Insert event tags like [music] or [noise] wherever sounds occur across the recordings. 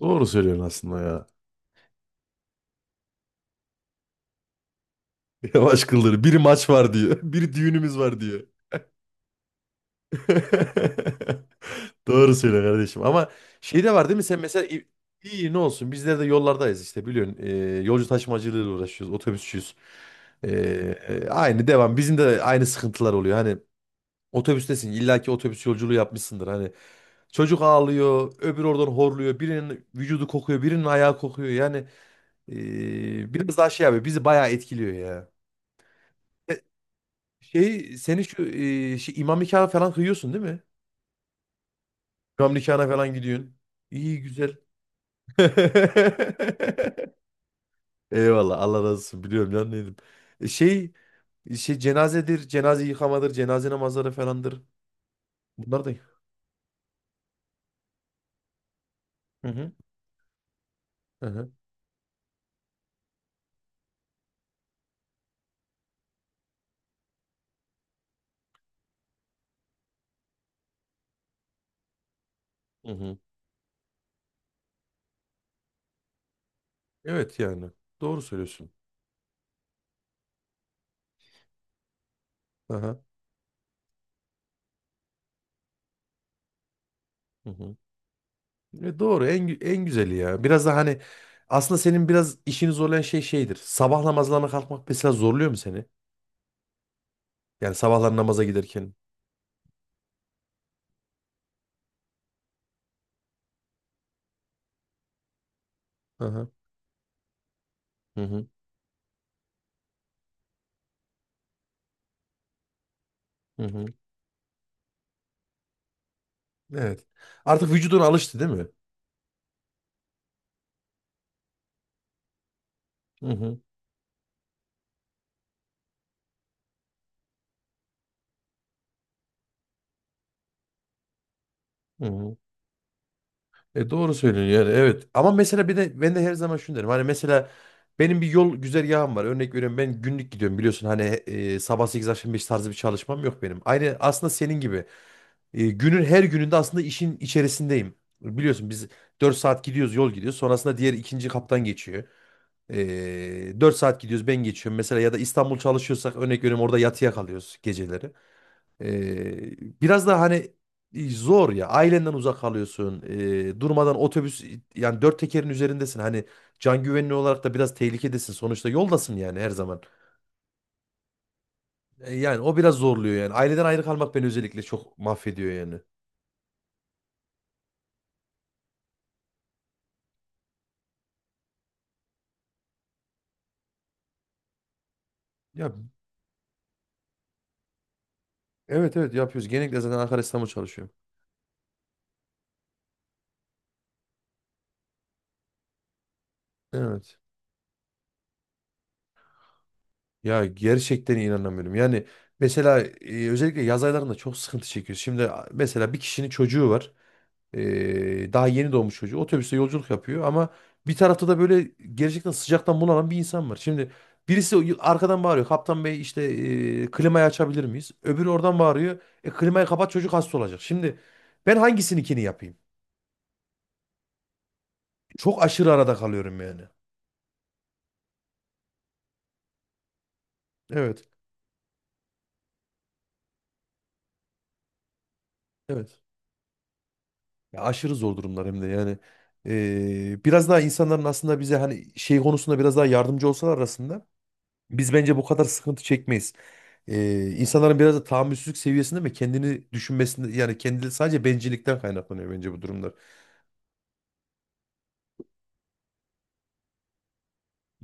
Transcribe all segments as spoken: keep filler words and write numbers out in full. Doğru söylüyorsun aslında ya. [laughs] Yavaş kıldır. Bir maç var diyor. [laughs] Bir düğünümüz var diyor. [laughs] Doğru söyle kardeşim. Ama şey de var değil mi? Sen mesela i- iyi ne olsun? Bizler de yollardayız işte biliyorsun. Ee, yolcu taşımacılığıyla uğraşıyoruz. Otobüsçüyüz. Ee, e, aynı devam. Bizim de aynı sıkıntılar oluyor. Hani otobüstesin. İllaki otobüs yolculuğu yapmışsındır. Hani çocuk ağlıyor. Öbür oradan horluyor. Birinin vücudu kokuyor. Birinin ayağı kokuyor. Yani ee, biraz daha şey abi bizi bayağı etkiliyor ya. E, Şey seni şu e, şey, imam nikahı falan kıyıyorsun değil mi? İmam nikahına falan gidiyorsun. İyi güzel. [laughs] Eyvallah Allah razı olsun biliyorum lan dedim. E, Şey e, şey cenazedir, cenaze yıkamadır, cenaze namazları falandır. Bunlar da. Hı hı. Hı hı. Hı hı. Evet yani doğru söylüyorsun. Aha. Hı hı. E, doğru en gü- en güzeli ya. Biraz da hani aslında senin biraz işini zorlayan şey şeydir. Sabah namazlarına kalkmak mesela zorluyor mu seni? Yani sabahlar namaza giderken. Aha. Hı hı. Hı hı. Evet. Artık vücuduna alıştı değil mi? Hı hı. Hı hı. E doğru söylüyorsun yani evet. Ama mesela bir de ben de her zaman şunu derim. Hani mesela benim bir yol güzergahım var. Örnek veriyorum ben günlük gidiyorum biliyorsun. Hani e, sabah sekiz akşam beş tarzı bir çalışmam yok benim. Aynı aslında senin gibi. E, günün her gününde aslında işin içerisindeyim. Biliyorsun biz dört saat gidiyoruz, yol gidiyoruz. Sonrasında diğer ikinci kaptan geçiyor. E, dört saat gidiyoruz, ben geçiyorum. Mesela ya da İstanbul çalışıyorsak, örnek veriyorum, orada yatıya kalıyoruz geceleri. Ee, biraz da hani e, zor ya. Ailenden uzak kalıyorsun. Ee, durmadan otobüs, yani dört tekerin üzerindesin. Hani can güvenliği olarak da biraz tehlikedesin. Sonuçta yoldasın yani her zaman. E, yani o biraz zorluyor yani. Aileden ayrı kalmak beni özellikle çok mahvediyor yani. Ya, evet, evet, yapıyoruz. Genellikle zaten Ankara İstanbul çalışıyorum. Evet. Ya gerçekten inanamıyorum. Yani mesela e, özellikle yaz aylarında çok sıkıntı çekiyoruz. Şimdi a- mesela bir kişinin çocuğu var. Ee, daha yeni doğmuş çocuğu. Otobüste yolculuk yapıyor ama bir tarafta da böyle gerçekten sıcaktan bunalan bir insan var. Şimdi birisi arkadan bağırıyor. Kaptan Bey işte e, klimayı açabilir miyiz? Öbürü oradan bağırıyor. E, klimayı kapat, çocuk hasta olacak. Şimdi ben hangisininkini yapayım? Çok aşırı arada kalıyorum yani. Evet. Evet. Ya aşırı zor durumlar hem de yani. Ee, biraz daha insanların aslında bize hani şey konusunda biraz daha yardımcı olsalar arasında biz bence bu kadar sıkıntı çekmeyiz. Ee, insanların biraz da tahammülsüzlük seviyesinde mi kendini düşünmesinde, yani kendi sadece bencillikten kaynaklanıyor bence bu durumlar.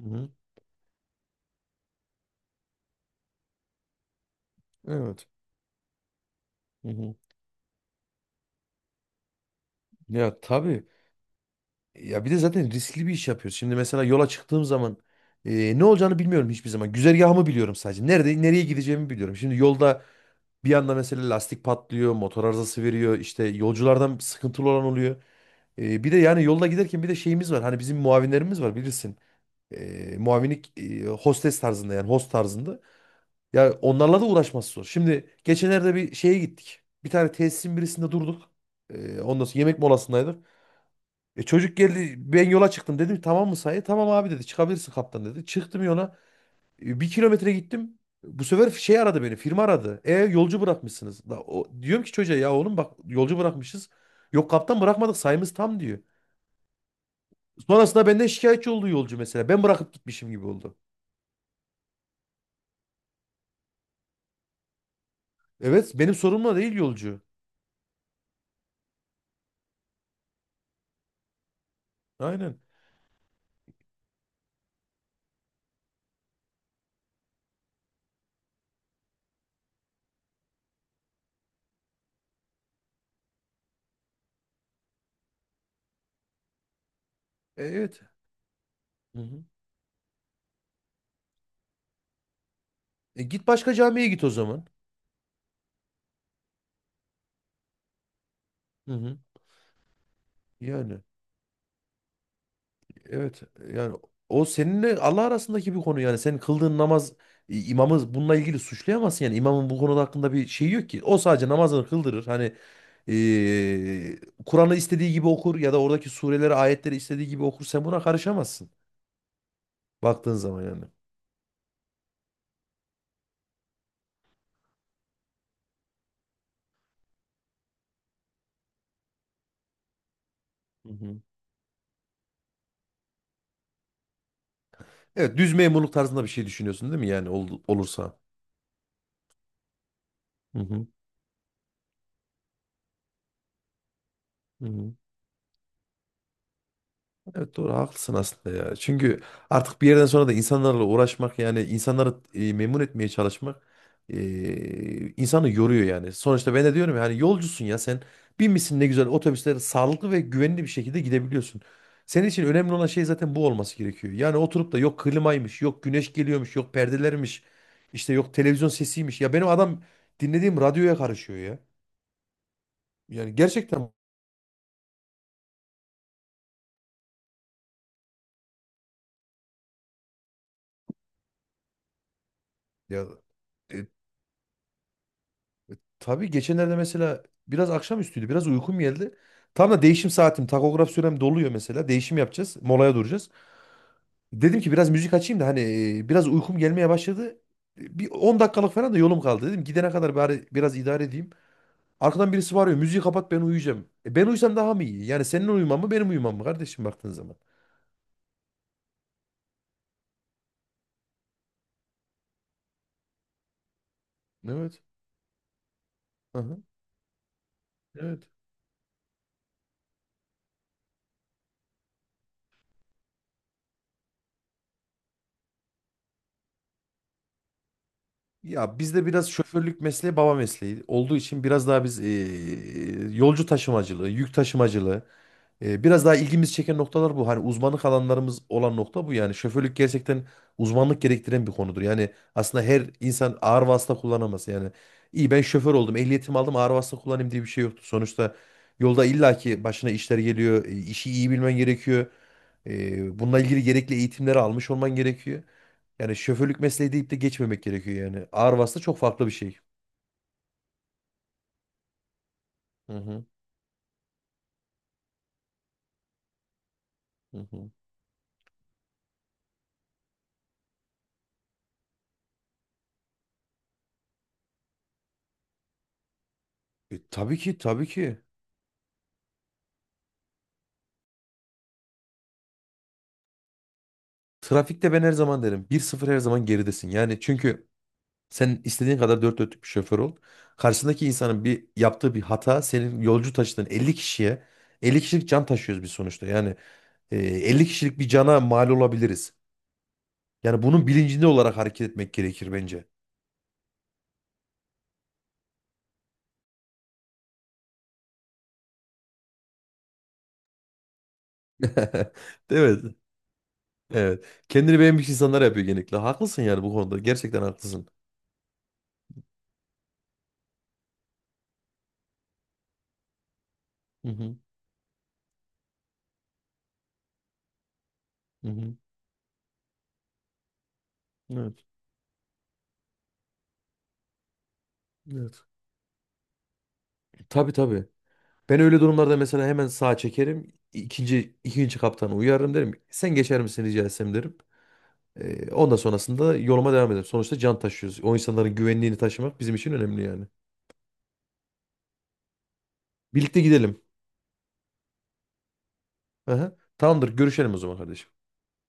Hı hı. Evet. Hı hı. Ya tabii. Ya bir de zaten riskli bir iş yapıyoruz. Şimdi mesela yola çıktığım zaman e, ne olacağını bilmiyorum hiçbir zaman. Güzergahımı biliyorum sadece. Nerede nereye gideceğimi biliyorum. Şimdi yolda bir anda mesela lastik patlıyor, motor arızası veriyor, işte yolculardan sıkıntılı olan oluyor. E, bir de yani yolda giderken bir de şeyimiz var. Hani bizim muavinlerimiz var bilirsin. e, muavinlik e, hostes tarzında, yani host tarzında. Ya onlarla da uğraşması zor. Şimdi geçenlerde bir şeye gittik. Bir tane tesisin birisinde durduk. E, ondan sonra yemek molasındaydık. E, çocuk geldi, ben yola çıktım dedim, tamam mı sayı? Tamam abi dedi, çıkabilirsin kaptan dedi. Çıktım yola. E, bir kilometre gittim. Bu sefer şey aradı, beni firma aradı. E yolcu bırakmışsınız. Da, o, diyorum ki çocuğa, ya oğlum bak yolcu bırakmışız. Yok kaptan, bırakmadık, sayımız tam diyor. Sonrasında benden şikayetçi oldu yolcu mesela. Ben bırakıp gitmişim gibi oldu. Evet, benim sorumla değil yolcu. Aynen. E, evet. Hı hı. E, git başka camiye git o zaman. Hı hı. Yani evet, yani o seninle Allah arasındaki bir konu, yani senin kıldığın namaz, i- imamı bununla ilgili suçlayamazsın, yani imamın bu konuda hakkında bir şey yok ki. O sadece namazını kıldırır. Hani e, Kur'an'ı istediği gibi okur ya da oradaki sureleri, ayetleri istediği gibi okur. Sen buna karışamazsın baktığın zaman yani. Hı hı. Evet, düz memurluk tarzında bir şey düşünüyorsun değil mi yani ol- olursa? Hı hı. Hı hı. Evet, doğru haklısın aslında ya. Çünkü artık bir yerden sonra da insanlarla uğraşmak, yani insanları e, memnun etmeye çalışmak e, insanı yoruyor yani. Sonuçta ben de diyorum yani yolcusun ya sen, binmişsin ne güzel otobüslere, sağlıklı ve güvenli bir şekilde gidebiliyorsun. Senin için önemli olan şey zaten bu olması gerekiyor. Yani oturup da yok klimaymış, yok güneş geliyormuş, yok perdelermiş, işte yok televizyon sesiymiş. Ya benim adam dinlediğim radyoya karışıyor ya. Yani gerçekten ya. e, Tabii geçenlerde mesela biraz akşamüstüydü. Biraz uykum geldi. Tam da değişim saatim. Takograf sürem doluyor mesela. Değişim yapacağız. Molaya duracağız. Dedim ki biraz müzik açayım da hani e, biraz uykum gelmeye başladı. Bir on dakikalık falan da yolum kaldı. Dedim gidene kadar bari biraz idare edeyim. Arkadan birisi bağırıyor, müziği kapat ben uyuyacağım. E, ben uyusam daha mı iyi? Yani senin uyuman mı benim uyumam mı kardeşim baktığın zaman. Evet. Aha, evet. Ya bizde biraz şoförlük mesleği baba mesleği olduğu için biraz daha biz e, yolcu taşımacılığı, yük taşımacılığı e, biraz daha ilgimiz çeken noktalar bu. Hani uzmanlık alanlarımız olan nokta bu yani. Şoförlük gerçekten uzmanlık gerektiren bir konudur. Yani aslında her insan ağır vasıta kullanamaz. Yani iyi ben şoför oldum, ehliyetimi aldım, ağır vasıta kullanayım diye bir şey yoktur. Sonuçta yolda illaki başına işler geliyor, e, işi iyi bilmen gerekiyor. E, bununla ilgili gerekli eğitimleri almış olman gerekiyor. Yani şoförlük mesleği deyip de geçmemek gerekiyor yani. Ağır vasıta çok farklı bir şey. Hı hı. Hı hı. E, tabii ki, tabii ki. Trafikte ben her zaman derim, bir sıfır her zaman geridesin. Yani çünkü sen istediğin kadar dört dörtlük bir şoför ol, karşındaki insanın bir yaptığı bir hata senin yolcu taşıdığın elli kişiye, elli kişilik can taşıyoruz biz sonuçta. Yani e, elli kişilik bir cana mal olabiliriz. Yani bunun bilincinde olarak hareket etmek gerekir bence. [laughs] Değil mi? Evet. Kendini beğenmiş insanlar yapıyor genellikle. Haklısın yani bu konuda. Gerçekten haklısın. Hı hı. Hı hı. Evet. Evet. Tabii, tabii. Ben öyle durumlarda mesela hemen sağa çekerim. İkinci, ikinci kaptanı uyarırım derim. Sen geçer misin rica etsem derim. Ee, ondan sonrasında yoluma devam ederim. Sonuçta can taşıyoruz. O insanların güvenliğini taşımak bizim için önemli yani. Birlikte gidelim. Aha. Tamamdır. Görüşelim o zaman kardeşim.